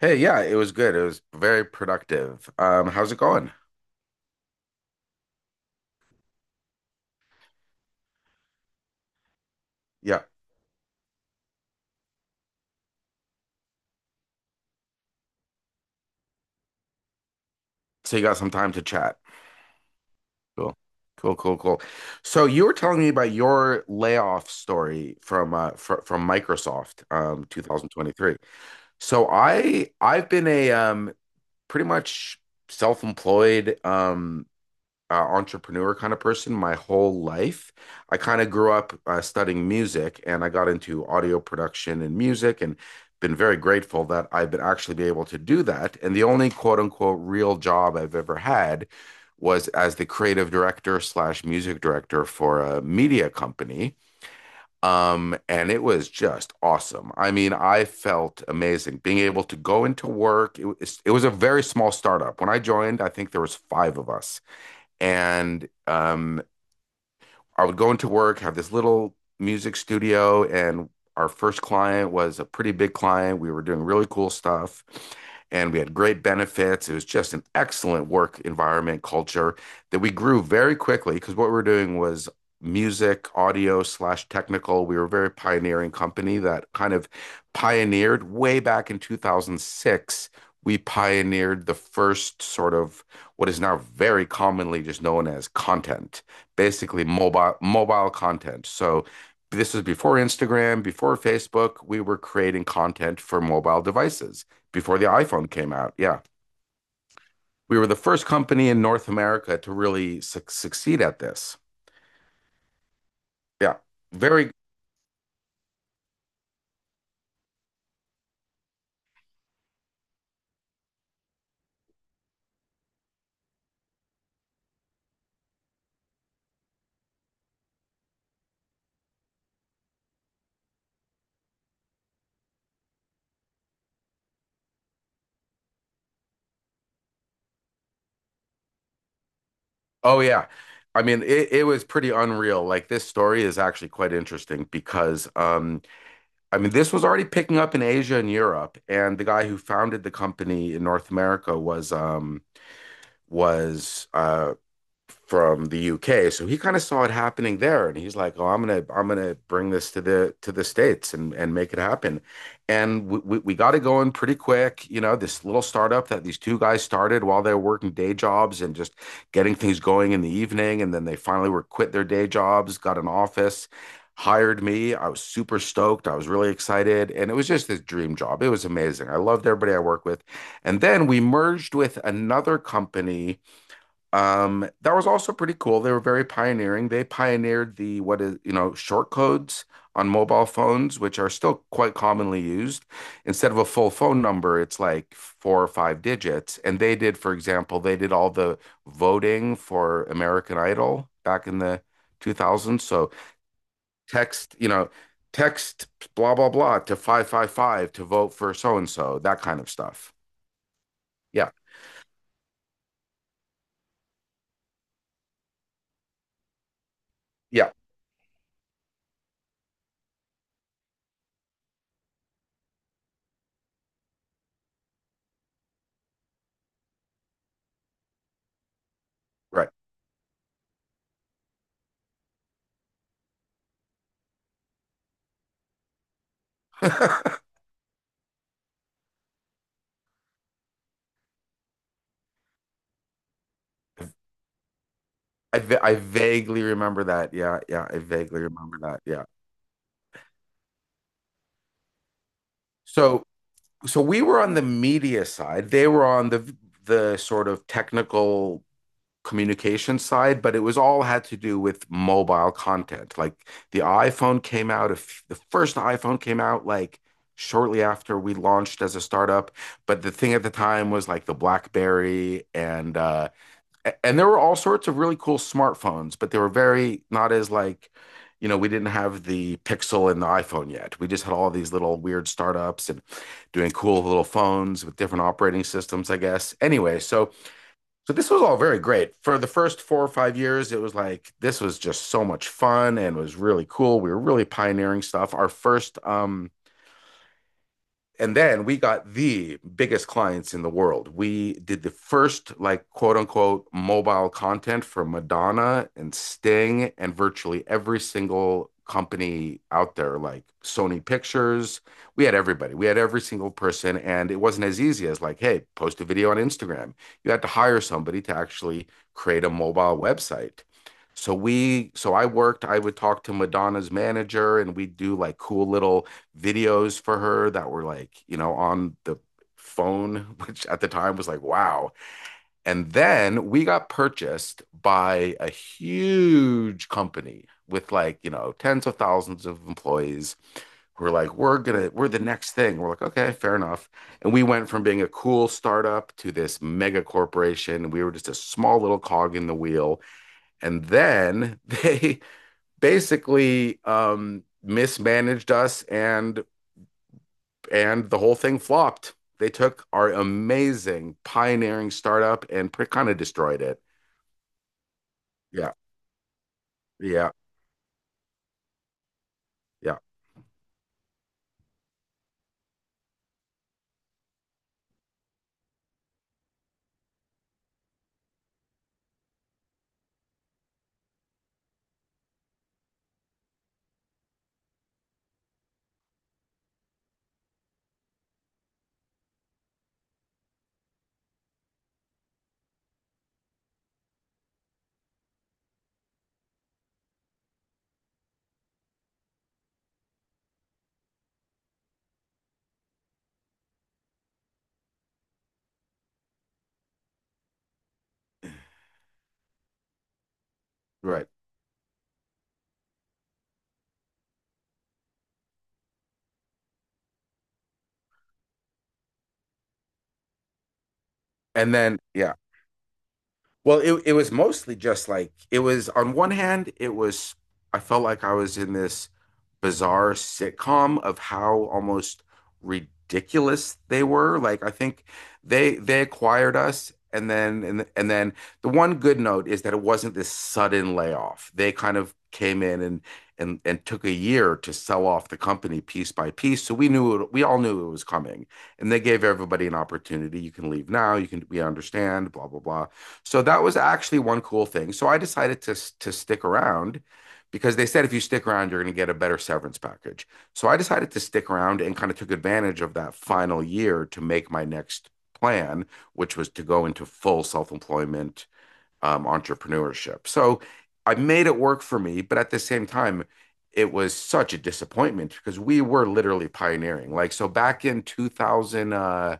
Hey, yeah, it was good. It was very productive. How's it going? Yeah. So you got some time to chat. Cool. Cool, cool, cool. So you were telling me about your layoff story from Microsoft 2023. So I've been a pretty much self-employed entrepreneur kind of person my whole life. I kind of grew up studying music and I got into audio production and music and been very grateful that I've been actually be able to do that. And the only quote unquote real job I've ever had was as the creative director slash music director for a media company. And it was just awesome. I mean, I felt amazing being able to go into work. It was a very small startup. When I joined, I think there was five of us and I would go into work, have this little music studio, and our first client was a pretty big client. We were doing really cool stuff, and we had great benefits. It was just an excellent work environment culture that we grew very quickly because what we were doing was music, audio slash technical. We were a very pioneering company that kind of pioneered way back in 2006. We pioneered the first sort of what is now very commonly just known as content basically mobile content. So this was before Instagram, before Facebook. We were creating content for mobile devices before the iPhone came out. Yeah. We were the first company in North America to really succeed at this. Yeah. Very, oh, yeah. I mean, it was pretty unreal. Like, this story is actually quite interesting because, I mean, this was already picking up in Asia and Europe. And the guy who founded the company in North America was, was uh, from the UK. So he kind of saw it happening there and he's like, "Oh, I'm gonna bring this to the States and make it happen." And we got it going pretty quick, you know, this little startup that these two guys started while they were working day jobs and just getting things going in the evening and then they finally were quit their day jobs, got an office. Hired me. I was super stoked. I was really excited. And it was just this dream job. It was amazing. I loved everybody I worked with. And then we merged with another company that was also pretty cool. They were very pioneering. They pioneered the what is, you know, short codes on mobile phones, which are still quite commonly used. Instead of a full phone number, it's like four or five digits. And they did, for example, they did all the voting for American Idol back in the 2000s. So text, you know, text blah blah blah to 555 to vote for so and so, that kind of stuff. Yeah. Yeah, right. I vaguely remember that. Yeah, yeah, I vaguely remember that. Yeah. So so we were on the media side. They were on the sort of technical communication side, but it was all had to do with mobile content. Like the iPhone came out, if the first iPhone came out like shortly after we launched as a startup, but the thing at the time was like the BlackBerry and and there were all sorts of really cool smartphones, but they were very not as like, you know, we didn't have the Pixel and the iPhone yet. We just had all these little weird startups and doing cool little phones with different operating systems, I guess. Anyway, so so this was all very great. For the first 4 or 5 years, it was like this was just so much fun and was really cool. We were really pioneering stuff. Our first And then we got the biggest clients in the world. We did the first, like, quote unquote, mobile content for Madonna and Sting and virtually every single company out there, like Sony Pictures. We had everybody, we had every single person. And it wasn't as easy as, like, hey, post a video on Instagram. You had to hire somebody to actually create a mobile website. So so I worked, I would talk to Madonna's manager and we'd do like cool little videos for her that were like, you know, on the phone, which at the time was like, wow. And then we got purchased by a huge company with like, you know, tens of thousands of employees who are like, we're the next thing. We're like, okay, fair enough. And we went from being a cool startup to this mega corporation. We were just a small little cog in the wheel. And then they basically mismanaged us and the whole thing flopped. They took our amazing pioneering startup and pretty kind of destroyed it. Yeah, yeah, yeah, right. And then yeah, well, it was mostly just like it was on one hand, it was I felt like I was in this bizarre sitcom of how almost ridiculous they were. Like I think they acquired us and then the one good note is that it wasn't this sudden layoff. They kind of came in and and took a year to sell off the company piece by piece. So we knew it, we all knew it was coming. And they gave everybody an opportunity. You can leave now, you can we understand, blah blah blah. So that was actually one cool thing. So I decided to stick around because they said if you stick around, you're going to get a better severance package. So I decided to stick around and kind of took advantage of that final year to make my next plan, which was to go into full self employment entrepreneurship. So I made it work for me, but at the same time, it was such a disappointment because we were literally pioneering. Like, so back in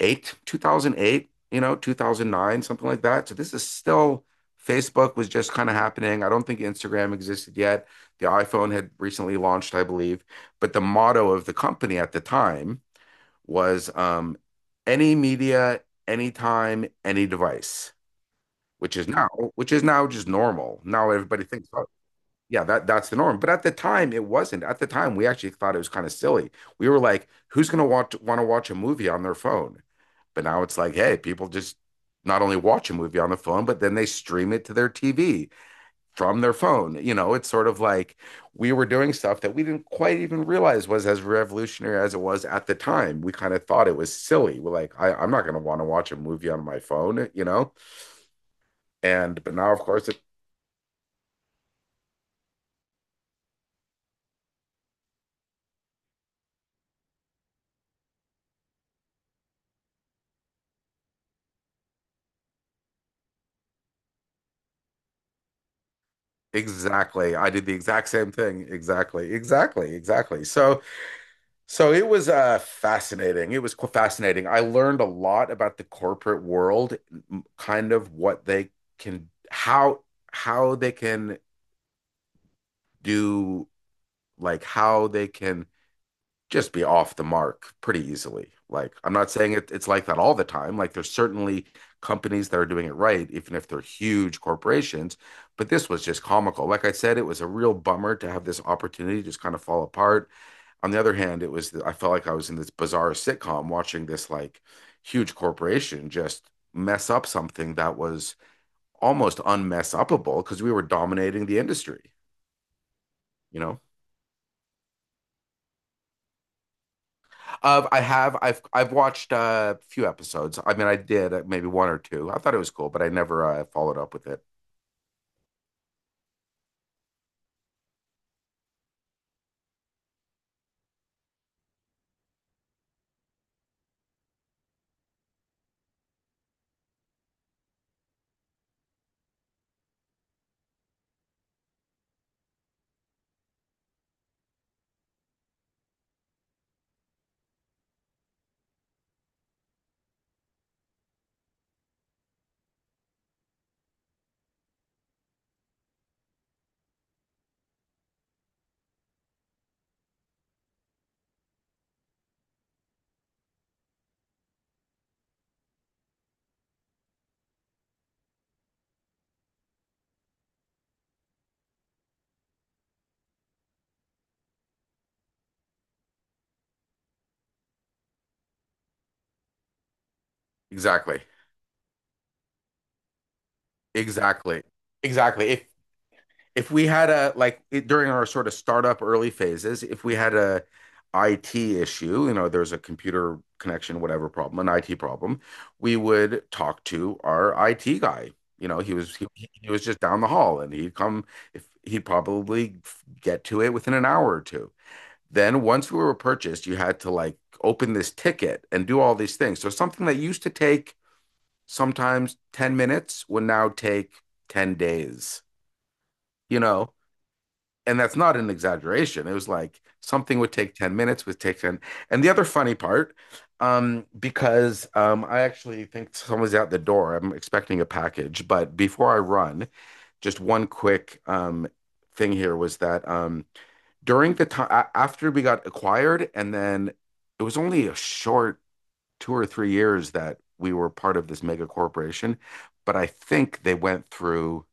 2008, you know, 2009, something like that. So this is still Facebook was just kind of happening. I don't think Instagram existed yet. The iPhone had recently launched, I believe. But the motto of the company at the time was any media, anytime, any device, which is now, which is now just normal. Now everybody thinks, oh, yeah, that that's the norm. But at the time, it wasn't. At the time, we actually thought it was kind of silly. We were like, who's gonna watch want to watch a movie on their phone? But now it's like, hey, people just not only watch a movie on the phone, but then they stream it to their TV from their phone. You know, it's sort of like we were doing stuff that we didn't quite even realize was as revolutionary as it was at the time. We kind of thought it was silly. We're like, I'm not gonna want to watch a movie on my phone, you know? And but now, of course, it's exactly. I did the exact same thing. Exactly. Exactly. Exactly. So, so it was fascinating. It was fascinating. I learned a lot about the corporate world, kind of what they can, how they can do, like how they can just be off the mark pretty easily. Like, I'm not saying it's like that all the time. Like, there's certainly companies that are doing it right, even if they're huge corporations. But this was just comical. Like I said, it was a real bummer to have this opportunity just kind of fall apart. On the other hand, it was, I felt like I was in this bizarre sitcom watching this like huge corporation just mess up something that was almost unmess upable because we were dominating the industry, you know? Of I have I've watched a few episodes. I mean, I did maybe one or two. I thought it was cool, but I never followed up with it. Exactly. Exactly. Exactly. If we had during our sort of startup early phases, if we had a IT issue, you know, there's a computer connection, whatever problem, an IT problem, we would talk to our IT guy. You know, he was just down the hall, and he'd come if he'd probably get to it within an hour or two. Then once we were purchased, you had to like open this ticket and do all these things. So something that used to take sometimes 10 minutes would now take 10 days, you know? And that's not an exaggeration. It was like something would take 10 minutes, would take 10. And the other funny part, because I actually think someone's out the door. I'm expecting a package, but before I run, just one quick thing here was that during the time after we got acquired, and then it was only a short 2 or 3 years that we were part of this mega corporation. But I think they went through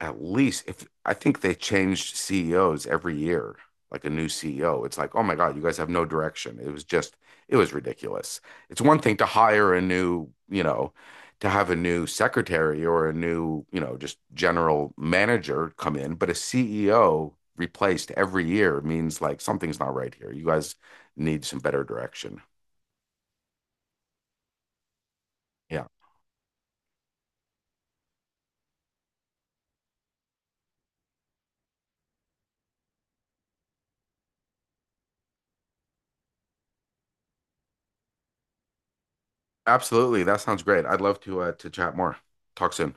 at least if I think they changed CEOs every year, like a new CEO. It's like, oh my God, you guys have no direction. It was ridiculous. It's one thing to hire a new, you know, to have a new secretary or a new, you know, just general manager come in, but a CEO replaced every year means like something's not right here. You guys need some better direction. Yeah, absolutely. That sounds great. I'd love to chat more. Talk soon.